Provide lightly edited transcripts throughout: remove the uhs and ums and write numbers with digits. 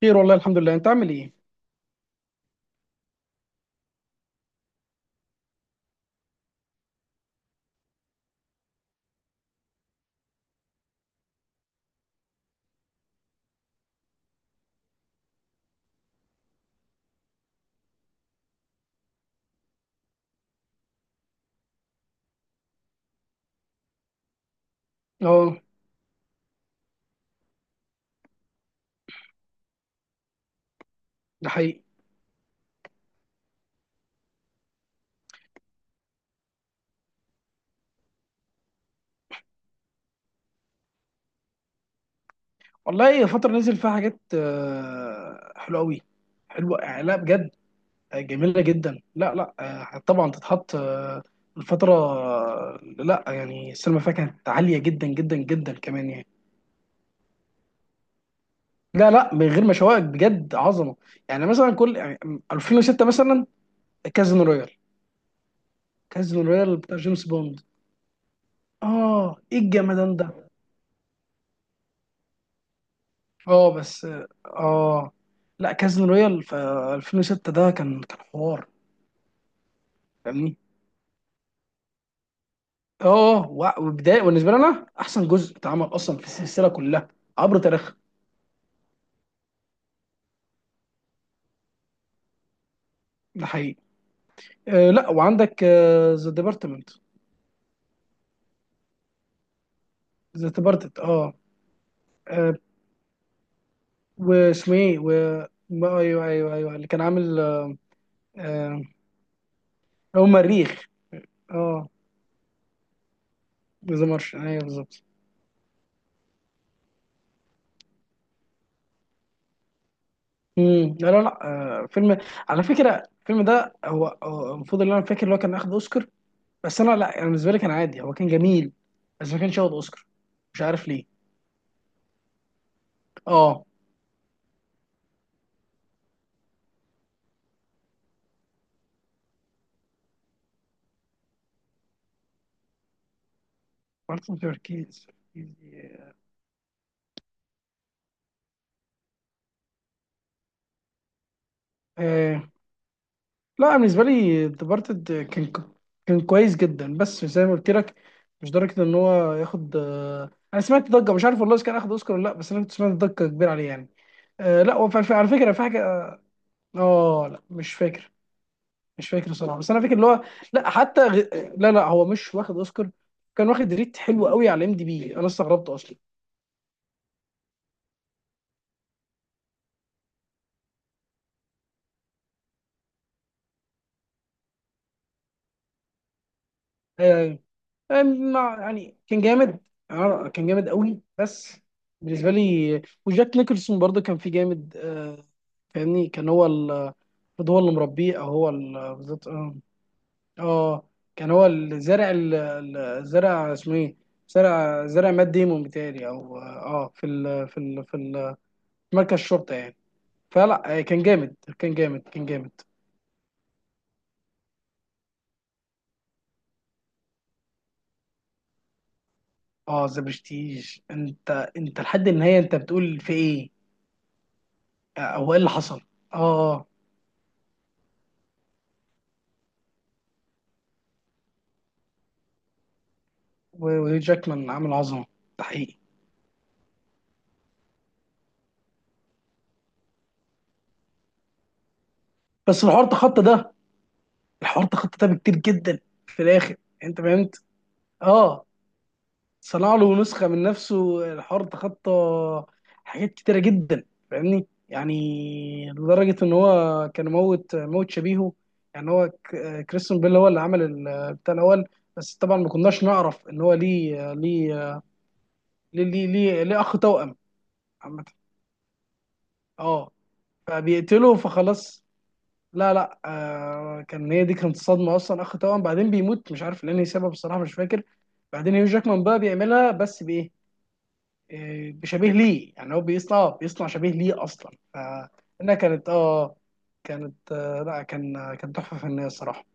خير، والله الحمد لله. انت عامل ايه؟ اه. ده حقيقي. والله فترة نزل فيها حاجات حلوة قوي. حلوة، لا بجد. جميلة جدا، لا لا. طبعا تتحط. الفترة، لا يعني السينما فيها كانت عالية جدا جدا جدا كمان يعني. لا لا، من غير ما اشوقك بجد عظمة. يعني مثلا كل يعني 2006 مثلا، كازينو رويال. كازينو رويال بتاع جيمس بوند. اه ايه الجمدان ده. اه بس. اه لا، كازينو رويال في 2006 ده كان حوار. فاهمني. اه، وبدايه بالنسبه لي انا احسن جزء اتعمل اصلا في السلسله كلها عبر تاريخها. ده حقيقي. آه لا، وعندك ذا ديبارتمنت. ذا ديبارتمنت اه. آه، واسمه ايه و ايوه ايوه، اللي كان عامل آه. هو مريخ. اه ذا مارشن ايوه بالظبط. مم، لا لا لا. آه، فيلم. على فكره الفيلم ده هو المفروض اللي انا فاكر اللي هو كان اخد اوسكار. بس انا لا يعني بالنسبه لي كان عادي، هو كان جميل، بس ما كانش ياخد اوسكار، مش عارف ليه. اه مارتن تركيز. آه لا، بالنسبه لي ديبارتد كان كويس جدا، بس زي ما قلت لك مش درجه ان هو ياخد آه. انا سمعت ضجه، مش عارف والله اذا كان اخد اوسكار ولا لا، بس انا كنت سمعت ضجه كبيره عليه يعني. آه. لا هو على فكره في حاجه. اه لا مش فاكر. مش فاكر صراحه، بس انا فاكر اللي هو. لا حتى غ... لا لا، هو مش واخد اوسكار. كان واخد ريت حلو قوي على ام دي بي، انا استغربت اصلا. آه، يعني كان جامد. آه، كان جامد قوي، بس بالنسبه لي. وجاك نيكلسون برضه كان فيه جامد آه. فاهمني، كان هو المفروض هو اللي مربيه، او هو بالظبط اه. آه، كان هو اللي زرع زرع، اسمه ايه، زرع مات ديمون بتاعي او اه. أه، في مركز الشرطه يعني. فلا آه، كان جامد كان جامد. اه ذا برستيج. انت لحد النهايه انت بتقول في ايه؟ آه، او ايه اللي حصل؟ اه أه. وهيو جاكمان عامل عظمه. ده حقيقي. بس الحوار تخطى ده. الحوار تخطى ده بكتير جدا في الاخر. انت فهمت؟ اه. صنع له نسخه من نفسه، الحوار تخطى حاجات كتيره جدا. فاهمني، يعني لدرجه ان هو كان موت موت شبيهه. يعني هو كريستون بيل هو اللي عمل بتاع الاول. بس طبعا ما كناش نعرف ان هو ليه اخ توأم. عامه اه. فبيقتله فخلاص. لا لا، آه كان. هي دي كانت صدمه اصلا، اخ توأم بعدين بيموت، مش عارف لاني سبب الصراحه مش فاكر. بعدين هيو جاكمان بقى بيعملها بس بايه؟ آه، بشبيه ليه. يعني هو بيصنع شبيه ليه اصلا، فانها كانت اه. كانت آه، لا كان آه، كان تحفه فنيه الصراحه.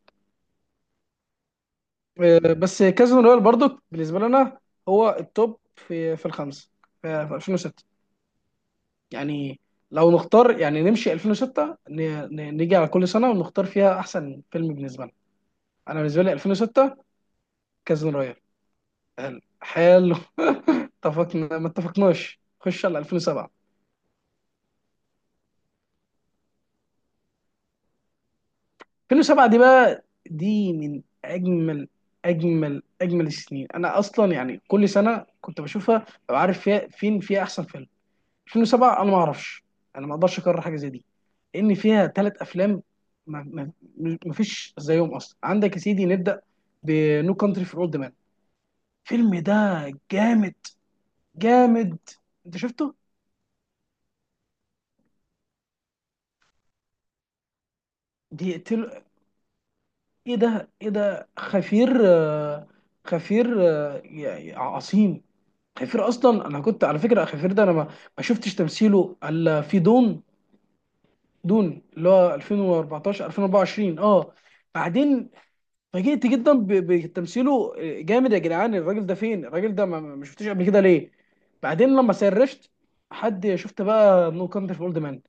آه، بس كازون رويال برضو بالنسبه لنا هو التوب في في الخمسه في 2006. يعني لو نختار يعني نمشي 2006، نيجي على كل سنه ونختار فيها احسن فيلم بالنسبه لنا. انا بالنسبه لي 2006 كازينو رويال. حلو حلو. اتفقنا ما اتفقناش، خش على 2007. دي بقى دي من اجمل اجمل السنين. انا اصلا يعني كل سنه كنت بشوفها ببقى عارف فيها فين فيها احسن فيلم. 2007 انا ما اعرفش، انا ما اقدرش اكرر حاجه زي دي، لان فيها ثلاث افلام ما, ما, ما فيش زيهم اصلا. عندك يا سيدي، نبدا بنو كانتري فور اولد مان. الفيلم ده جامد جامد. انت شفته؟ دقيقتين. ايه ده خفير آه. خفير آه، يا عظيم. خفير، اصلا انا كنت على فكره خفير ده، انا ما شفتش تمثيله الا في دون. دون اللي هو 2014 2024 اه. بعدين فاجئت جدا بتمثيله. آه، جامد يا جدعان الراجل ده. فين الراجل ده؟ ما شفتوش قبل كده ليه؟ بعدين لما سرشت حد، شفت بقى نو كانتري فور اولد مان؟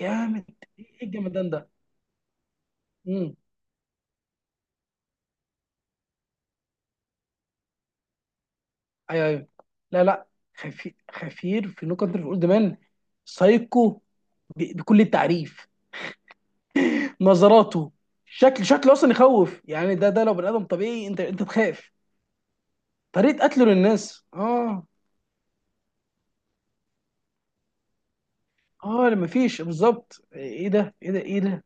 جامد. ايه الجمدان ده. ايوه لا لا. خفير، في نو كانتري فور اولد مان. سايكو بكل التعريف. نظراته، شكل شكله اصلا يخوف يعني. ده لو بني ادم طبيعي انت تخاف. طريقه قتله للناس اه. اه ما فيش بالظبط، ايه ده.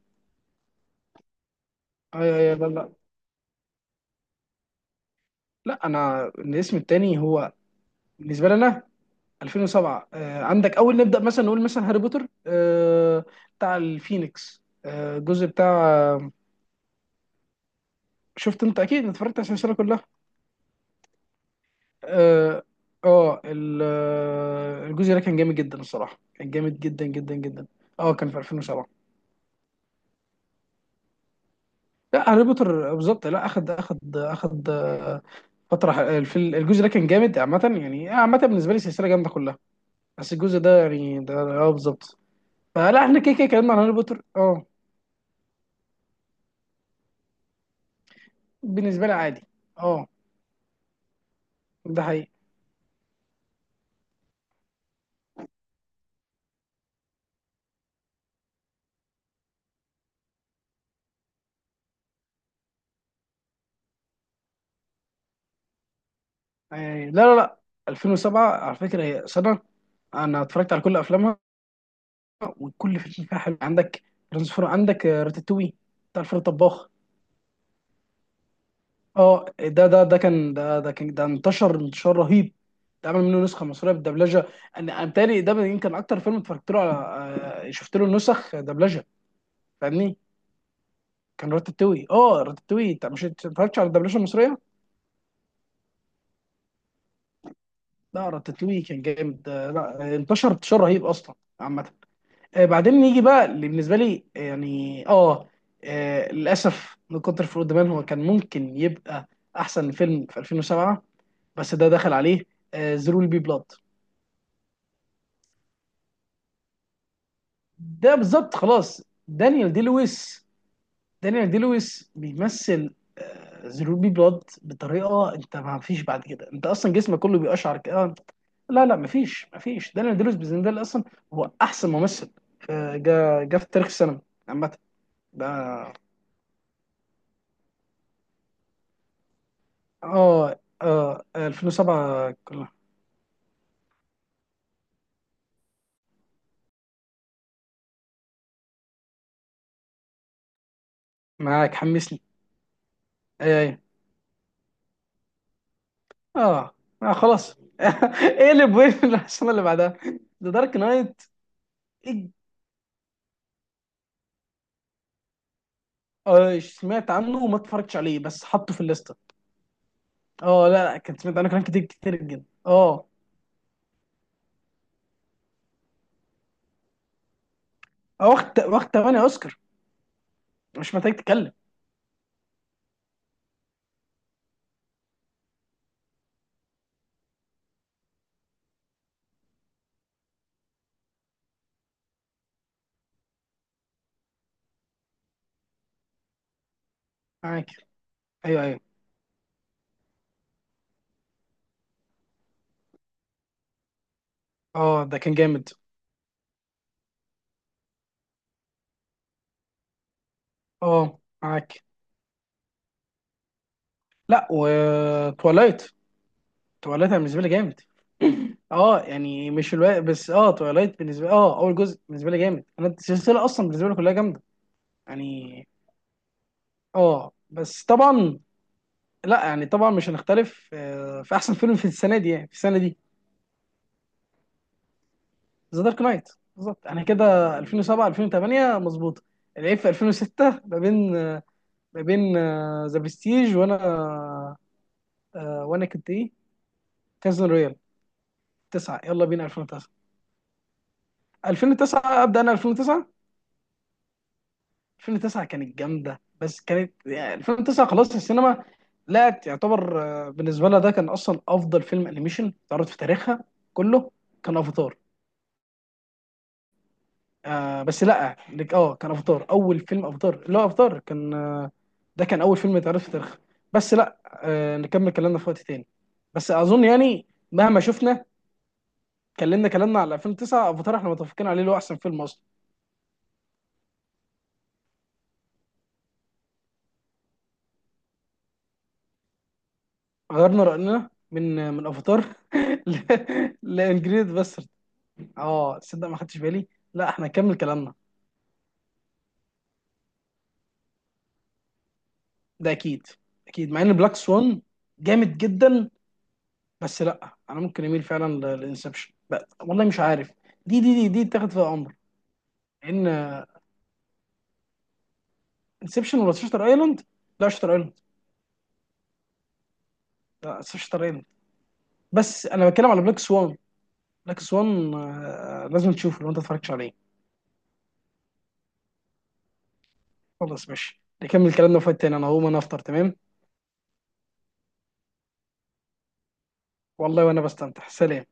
ايوه لا لا لا. انا الاسم التاني هو بالنسبه لنا 2007 آه. عندك، اول نبدا مثلا نقول مثلا هاري بوتر آه بتاع الفينيكس آه، الجزء بتاع. شفت، انت اكيد اتفرجت على السلسله كلها. اه. آه، آه، الجزء ده كان جامد جدا الصراحه، كان جامد جدا جدا جدا. اه كان في 2007. لا هاري بوتر بالظبط، لا اخد اخد آه، فتره الجزء ده كان جامد عامه. يعني عامه بالنسبه لي السلسله جامده كلها، بس الجزء ده يعني ده اه بالظبط. فلا احنا كده كده اتكلمنا عن هاري بوتر اه. بالنسبه لي عادي اه. ده حقيقي يعني. لا لا لا، 2007 على فكره هي سنه انا اتفرجت على كل افلامها، وكل فاشن فيها حلو. عندك ترانسفور، عندك آه، راتاتوي بتاع الفار الطباخ. اه ده انتشر انتشار رهيب. ده عمل منه نسخه مصريه بالدبلجه. انا بتهيألي ده يمكن اكتر فيلم اتفرجت له على آه، شفت له نسخ دبلجه. فاهمني. كان راتاتوي اه. راتاتوي، انت مش اتفرجتش على الدبلجه المصريه؟ لا راتاتوي كان جامد آه، لا انتشر انتشار رهيب اصلا. عامه آه، بعدين نيجي بقى اللي بالنسبه لي آه، يعني اه، آه، للاسف من كتر فروق دمان هو كان ممكن يبقى احسن فيلم في 2007، بس ده دخل عليه زيرو بي بلاد. ده بالظبط خلاص. دانيال دي لويس. دانيال دي لويس بيمثل زيرو بي بلاد بطريقه، انت ما فيش بعد كده، انت اصلا جسمك كله بيقشعر كده. لا لا، ما فيش دانيال دي لويس بالنسبه لي اصلا هو احسن ممثل آه، جا في تاريخ السينما عامه. ده اه. اه 2007 كلها. معاك، حمسني. اي اي اه. آه، خلاص. اقلب وين السنه اللي بعدها. ذا دارك نايت. آه سمعت عنه وما اتفرجتش عليه، بس حطه في الليسته. اه لا لا، كنت سمعت عنه كلام كتير كتير جدا اه. آه، واخد 8 اوسكار. مش محتاج تتكلم. معاك. ايوه اه. ده كان جامد اه. معاك. لا، وتولايت. تواليت انا بالنسبه لي جامد. اه يعني مش الوقت، بس اه تواليت بالنسبه لي، اه اول جزء بالنسبه لي جامد. انا السلسله اصلا بالنسبه لي كلها جامده يعني. اه بس طبعا. لا يعني طبعا مش هنختلف آه، في احسن فيلم في السنه دي. يعني في السنه دي ذا دارك نايت بالظبط. انا كده 2007 2008 مظبوطه. العيب في 2006 ما بين ذا برستيج وانا. آه، وانا كنت ايه، كازن رويال. 9 يلا بينا 2009. 2009 ابدا، انا 2009. كانت جامده، بس كانت يعني 2009 خلاص. السينما لا يعتبر آه، بالنسبه لها ده كان اصلا افضل فيلم انيميشن اتعرض في تاريخها كله، كان افاتار. آه بس لا اه كان افاتار. اول فيلم افاتار، لا افاتار كان آه، ده كان اول فيلم اتعرض في تاريخها. بس لا آه، نكمل كلامنا في وقت تاني. بس اظن يعني مهما شفنا كلمنا، كلامنا على 2009 افاتار احنا متفقين عليه اللي هو احسن فيلم اصلا. غيرنا راينا من آه، من افاتار. لانجريد بس. اه تصدق ما خدتش بالي. لا احنا هنكمل كلامنا. ده اكيد اكيد، مع ان بلاك سوان جامد جدا، بس لا انا ممكن اميل فعلا لانسبشن، والله مش عارف. دي تاخد فيها امر. ان انسبشن ولا شاتر ايلاند. لا شاتر ايلاند. لا شاتر ايلاند. بس انا بتكلم على بلاك سوان. بلاك سوان آه، لازم تشوفه لو انت اتفرجتش عليه. خلاص ماشي، نكمل كلامنا في وقت تاني، انا هقوم انا افطر تمام. والله وانا بستمتع، سلام.